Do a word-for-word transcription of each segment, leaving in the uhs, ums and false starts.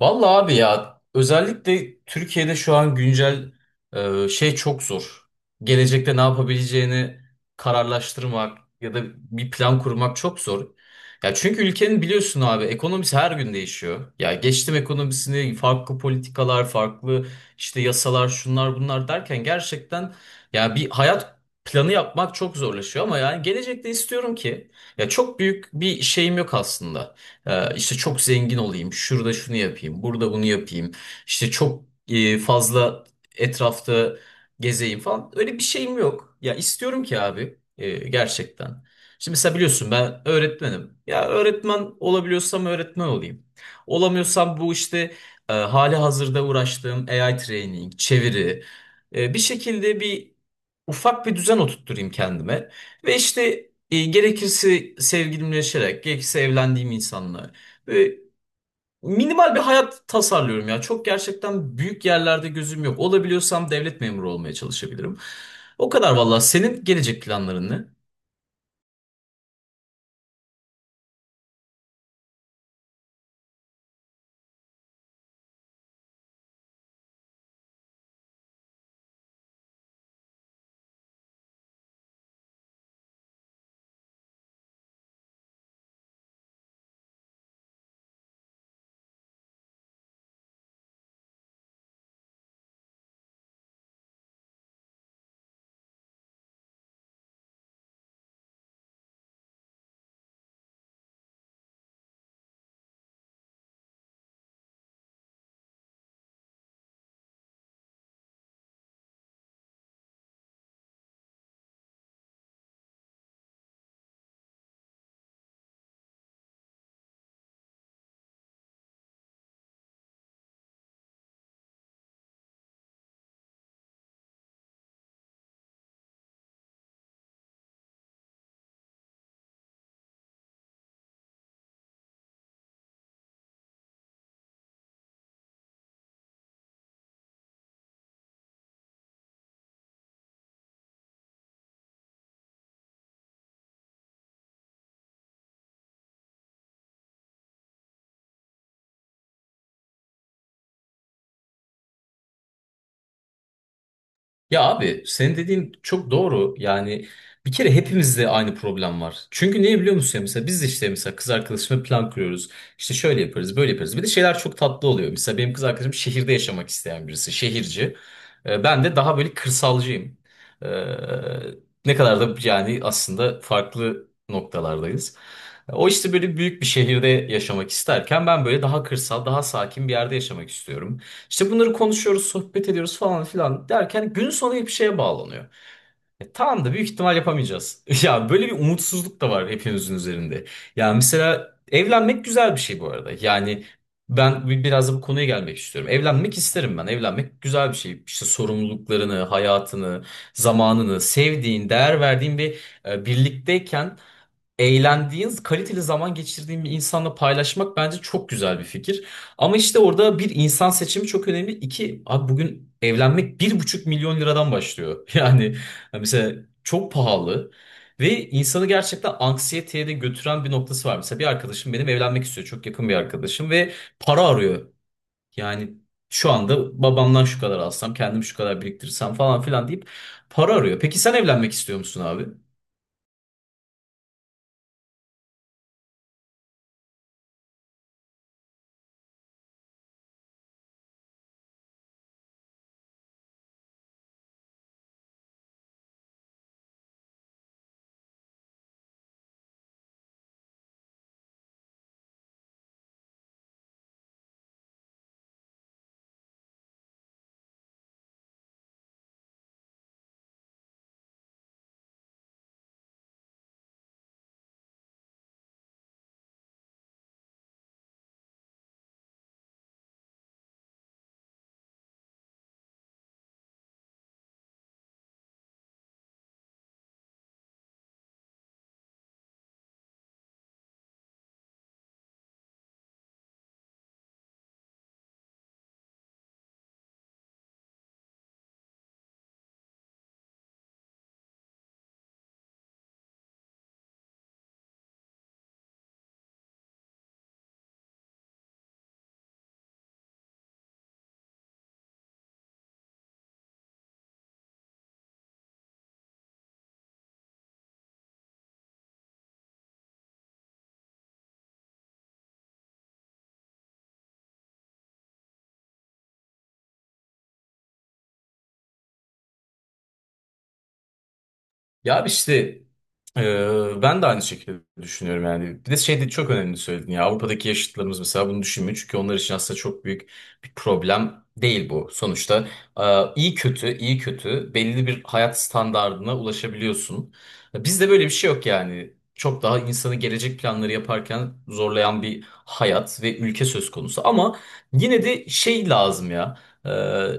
Vallahi abi ya özellikle Türkiye'de şu an güncel e, şey çok zor. Gelecekte ne yapabileceğini kararlaştırmak ya da bir plan kurmak çok zor. Ya çünkü ülkenin biliyorsun abi ekonomisi her gün değişiyor. Ya geçtim ekonomisini farklı politikalar, farklı işte yasalar, şunlar bunlar derken gerçekten ya bir hayat planı yapmak çok zorlaşıyor ama yani gelecekte istiyorum ki ya çok büyük bir şeyim yok aslında. Ee, işte çok zengin olayım, şurada şunu yapayım, burada bunu yapayım. İşte çok e, fazla etrafta gezeyim falan. Öyle bir şeyim yok. Ya istiyorum ki abi e, gerçekten. Şimdi mesela biliyorsun ben öğretmenim. Ya öğretmen olabiliyorsam öğretmen olayım. Olamıyorsam bu işte e, hali hazırda uğraştığım A I training, çeviri, e, bir şekilde bir ufak bir düzen oturtturayım kendime. Ve işte e, gerekirse sevgilimleşerek, gerekirse evlendiğim insanla. Böyle minimal bir hayat tasarlıyorum ya. Çok gerçekten büyük yerlerde gözüm yok. Olabiliyorsam devlet memuru olmaya çalışabilirim. O kadar valla. Senin gelecek planların ne? Ya abi senin dediğin çok doğru. Yani bir kere hepimizde aynı problem var. Çünkü niye biliyor musun ya mesela biz de işte mesela kız arkadaşımla plan kuruyoruz. İşte şöyle yaparız, böyle yaparız. Bir de şeyler çok tatlı oluyor. Mesela benim kız arkadaşım şehirde yaşamak isteyen birisi, şehirci. Ee, Ben de daha böyle kırsalcıyım. Ee, Ne kadar da yani aslında farklı noktalardayız. O işte böyle büyük bir şehirde yaşamak isterken ben böyle daha kırsal, daha sakin bir yerde yaşamak istiyorum. İşte bunları konuşuyoruz, sohbet ediyoruz falan filan derken gün sonu hep şeye bağlanıyor. E, tamam da büyük ihtimal yapamayacağız. Ya böyle bir umutsuzluk da var hepimizin üzerinde. Ya mesela evlenmek güzel bir şey bu arada. Yani ben bi- biraz da bu konuya gelmek istiyorum. Evlenmek isterim ben. Evlenmek güzel bir şey. İşte sorumluluklarını, hayatını, zamanını, sevdiğin, değer verdiğin bir e, birlikteyken eğlendiğin, kaliteli zaman geçirdiğin bir insanla paylaşmak bence çok güzel bir fikir. Ama işte orada bir insan seçimi çok önemli. İki, abi bugün evlenmek bir buçuk milyon liradan başlıyor. Yani mesela çok pahalı. Ve insanı gerçekten anksiyeteye de götüren bir noktası var. Mesela bir arkadaşım benim evlenmek istiyor. Çok yakın bir arkadaşım ve para arıyor. Yani şu anda babamdan şu kadar alsam, kendim şu kadar biriktirsem falan filan deyip para arıyor. Peki sen evlenmek istiyor musun abi? Ya abi işte e, ben de aynı şekilde düşünüyorum yani. Bir de şey de çok önemli söyledin ya Avrupa'daki yaşıtlarımız mesela bunu düşünmüyor. Çünkü onlar için aslında çok büyük bir problem değil bu. Sonuçta e, iyi kötü iyi kötü belli bir hayat standardına ulaşabiliyorsun. Bizde böyle bir şey yok yani. Çok daha insanı gelecek planları yaparken zorlayan bir hayat ve ülke söz konusu. Ama yine de şey lazım ya. Ee,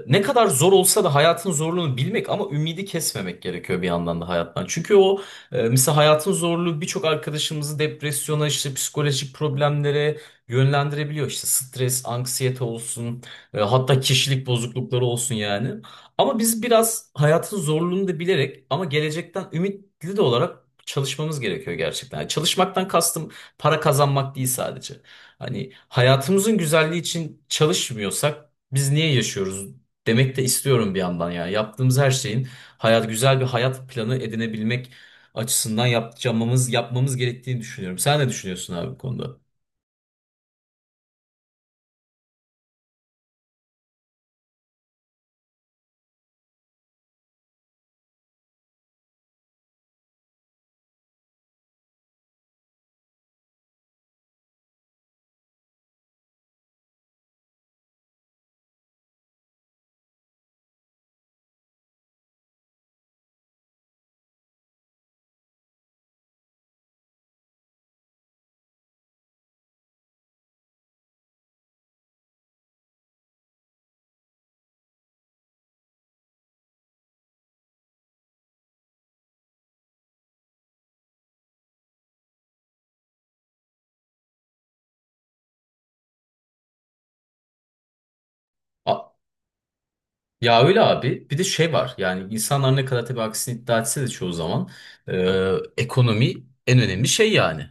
Ne kadar zor olsa da hayatın zorluğunu bilmek ama ümidi kesmemek gerekiyor bir yandan da hayattan. Çünkü o e, mesela hayatın zorluğu birçok arkadaşımızı depresyona işte psikolojik problemlere yönlendirebiliyor. İşte stres, anksiyete olsun e, hatta kişilik bozuklukları olsun yani. Ama biz biraz hayatın zorluğunu da bilerek ama gelecekten ümitli de olarak çalışmamız gerekiyor gerçekten. Yani çalışmaktan kastım para kazanmak değil sadece. Hani hayatımızın güzelliği için çalışmıyorsak biz niye yaşıyoruz demek de istiyorum bir yandan ya. Yaptığımız her şeyin hayat güzel bir hayat planı edinebilmek açısından yapacağımız yapmamız gerektiğini düşünüyorum. Sen ne düşünüyorsun abi bu konuda? A- Ya öyle abi. Bir de şey var. Yani insanlar ne kadar tabii aksini iddia etse de çoğu zaman e, ekonomi en önemli şey yani.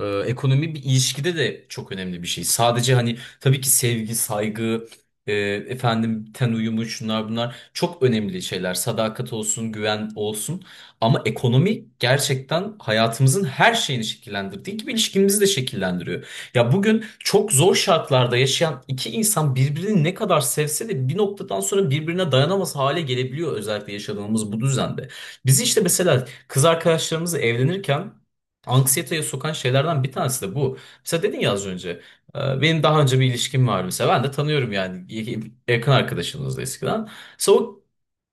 Ee, ekonomi bir ilişkide de çok önemli bir şey. Sadece hani tabii ki sevgi, saygı, e, efendim ten uyumu şunlar bunlar çok önemli şeyler. Sadakat olsun, güven olsun. Ama ekonomi gerçekten hayatımızın her şeyini şekillendirdiği gibi ilişkimizi de şekillendiriyor. Ya bugün çok zor şartlarda yaşayan iki insan birbirini ne kadar sevse de bir noktadan sonra birbirine dayanamaz hale gelebiliyor özellikle yaşadığımız bu düzende. Biz işte mesela kız arkadaşlarımızla evlenirken anksiyeteye sokan şeylerden bir tanesi de bu. Mesela dedin ya az önce e, benim daha önce bir ilişkim vardı mesela ben de tanıyorum yani y- yakın arkadaşımızdı eskiden. Mesela o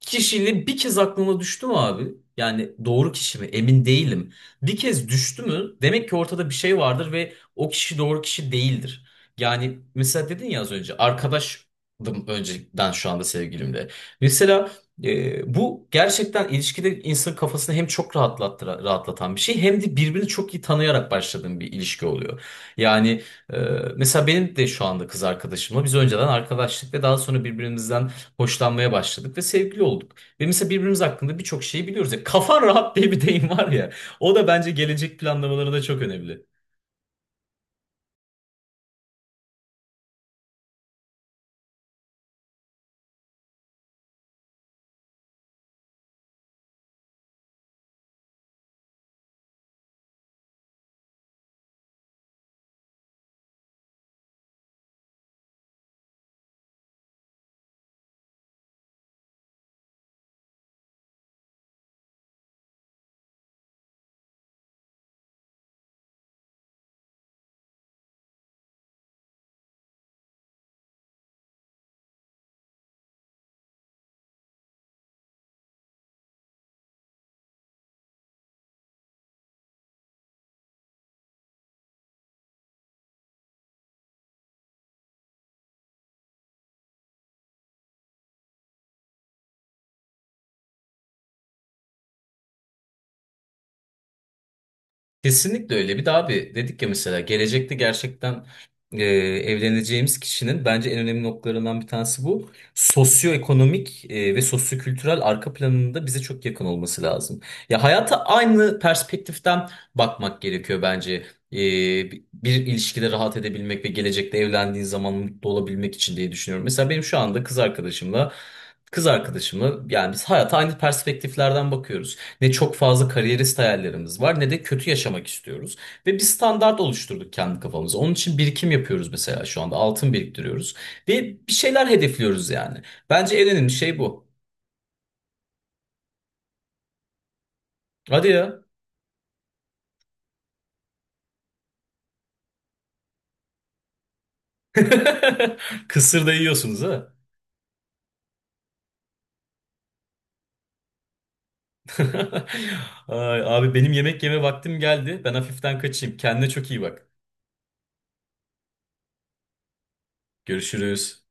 kişiyle bir kez aklıma düştü mü abi? Yani doğru kişi mi? Emin değilim. Bir kez düştü mü? Demek ki ortada bir şey vardır ve o kişi doğru kişi değildir. Yani mesela dedin ya az önce arkadaşdım önceden şu anda sevgilimle. Mesela ee, bu gerçekten ilişkide insanın kafasını hem çok rahatlattı, rahatlatan bir şey hem de birbirini çok iyi tanıyarak başladığın bir ilişki oluyor. Yani e, mesela benim de şu anda kız arkadaşımla biz önceden arkadaşlık ve daha sonra birbirimizden hoşlanmaya başladık ve sevgili olduk. Ve mesela birbirimiz hakkında birçok şeyi biliyoruz. Ya, kafan rahat diye bir deyim var ya. O da bence gelecek planlamalarında çok önemli. Kesinlikle öyle. Bir de abi dedik ya mesela gelecekte gerçekten e, evleneceğimiz kişinin bence en önemli noktalarından bir tanesi bu. Sosyoekonomik e, ve sosyokültürel arka planında bize çok yakın olması lazım. Ya hayata aynı perspektiften bakmak gerekiyor bence. E, bi- bir ilişkide rahat edebilmek ve gelecekte evlendiğin zaman mutlu olabilmek için diye düşünüyorum. Mesela benim şu anda kız arkadaşımla kız arkadaşımla yani biz hayata aynı perspektiflerden bakıyoruz. Ne çok fazla kariyerist hayallerimiz var ne de kötü yaşamak istiyoruz. Ve bir standart oluşturduk kendi kafamıza. Onun için birikim yapıyoruz mesela şu anda. Altın biriktiriyoruz. Ve bir şeyler hedefliyoruz yani. Bence en önemli şey bu. Hadi ya. Kısır da yiyorsunuz ha. Ay, abi benim yemek yeme vaktim geldi. Ben hafiften kaçayım. Kendine çok iyi bak. Görüşürüz.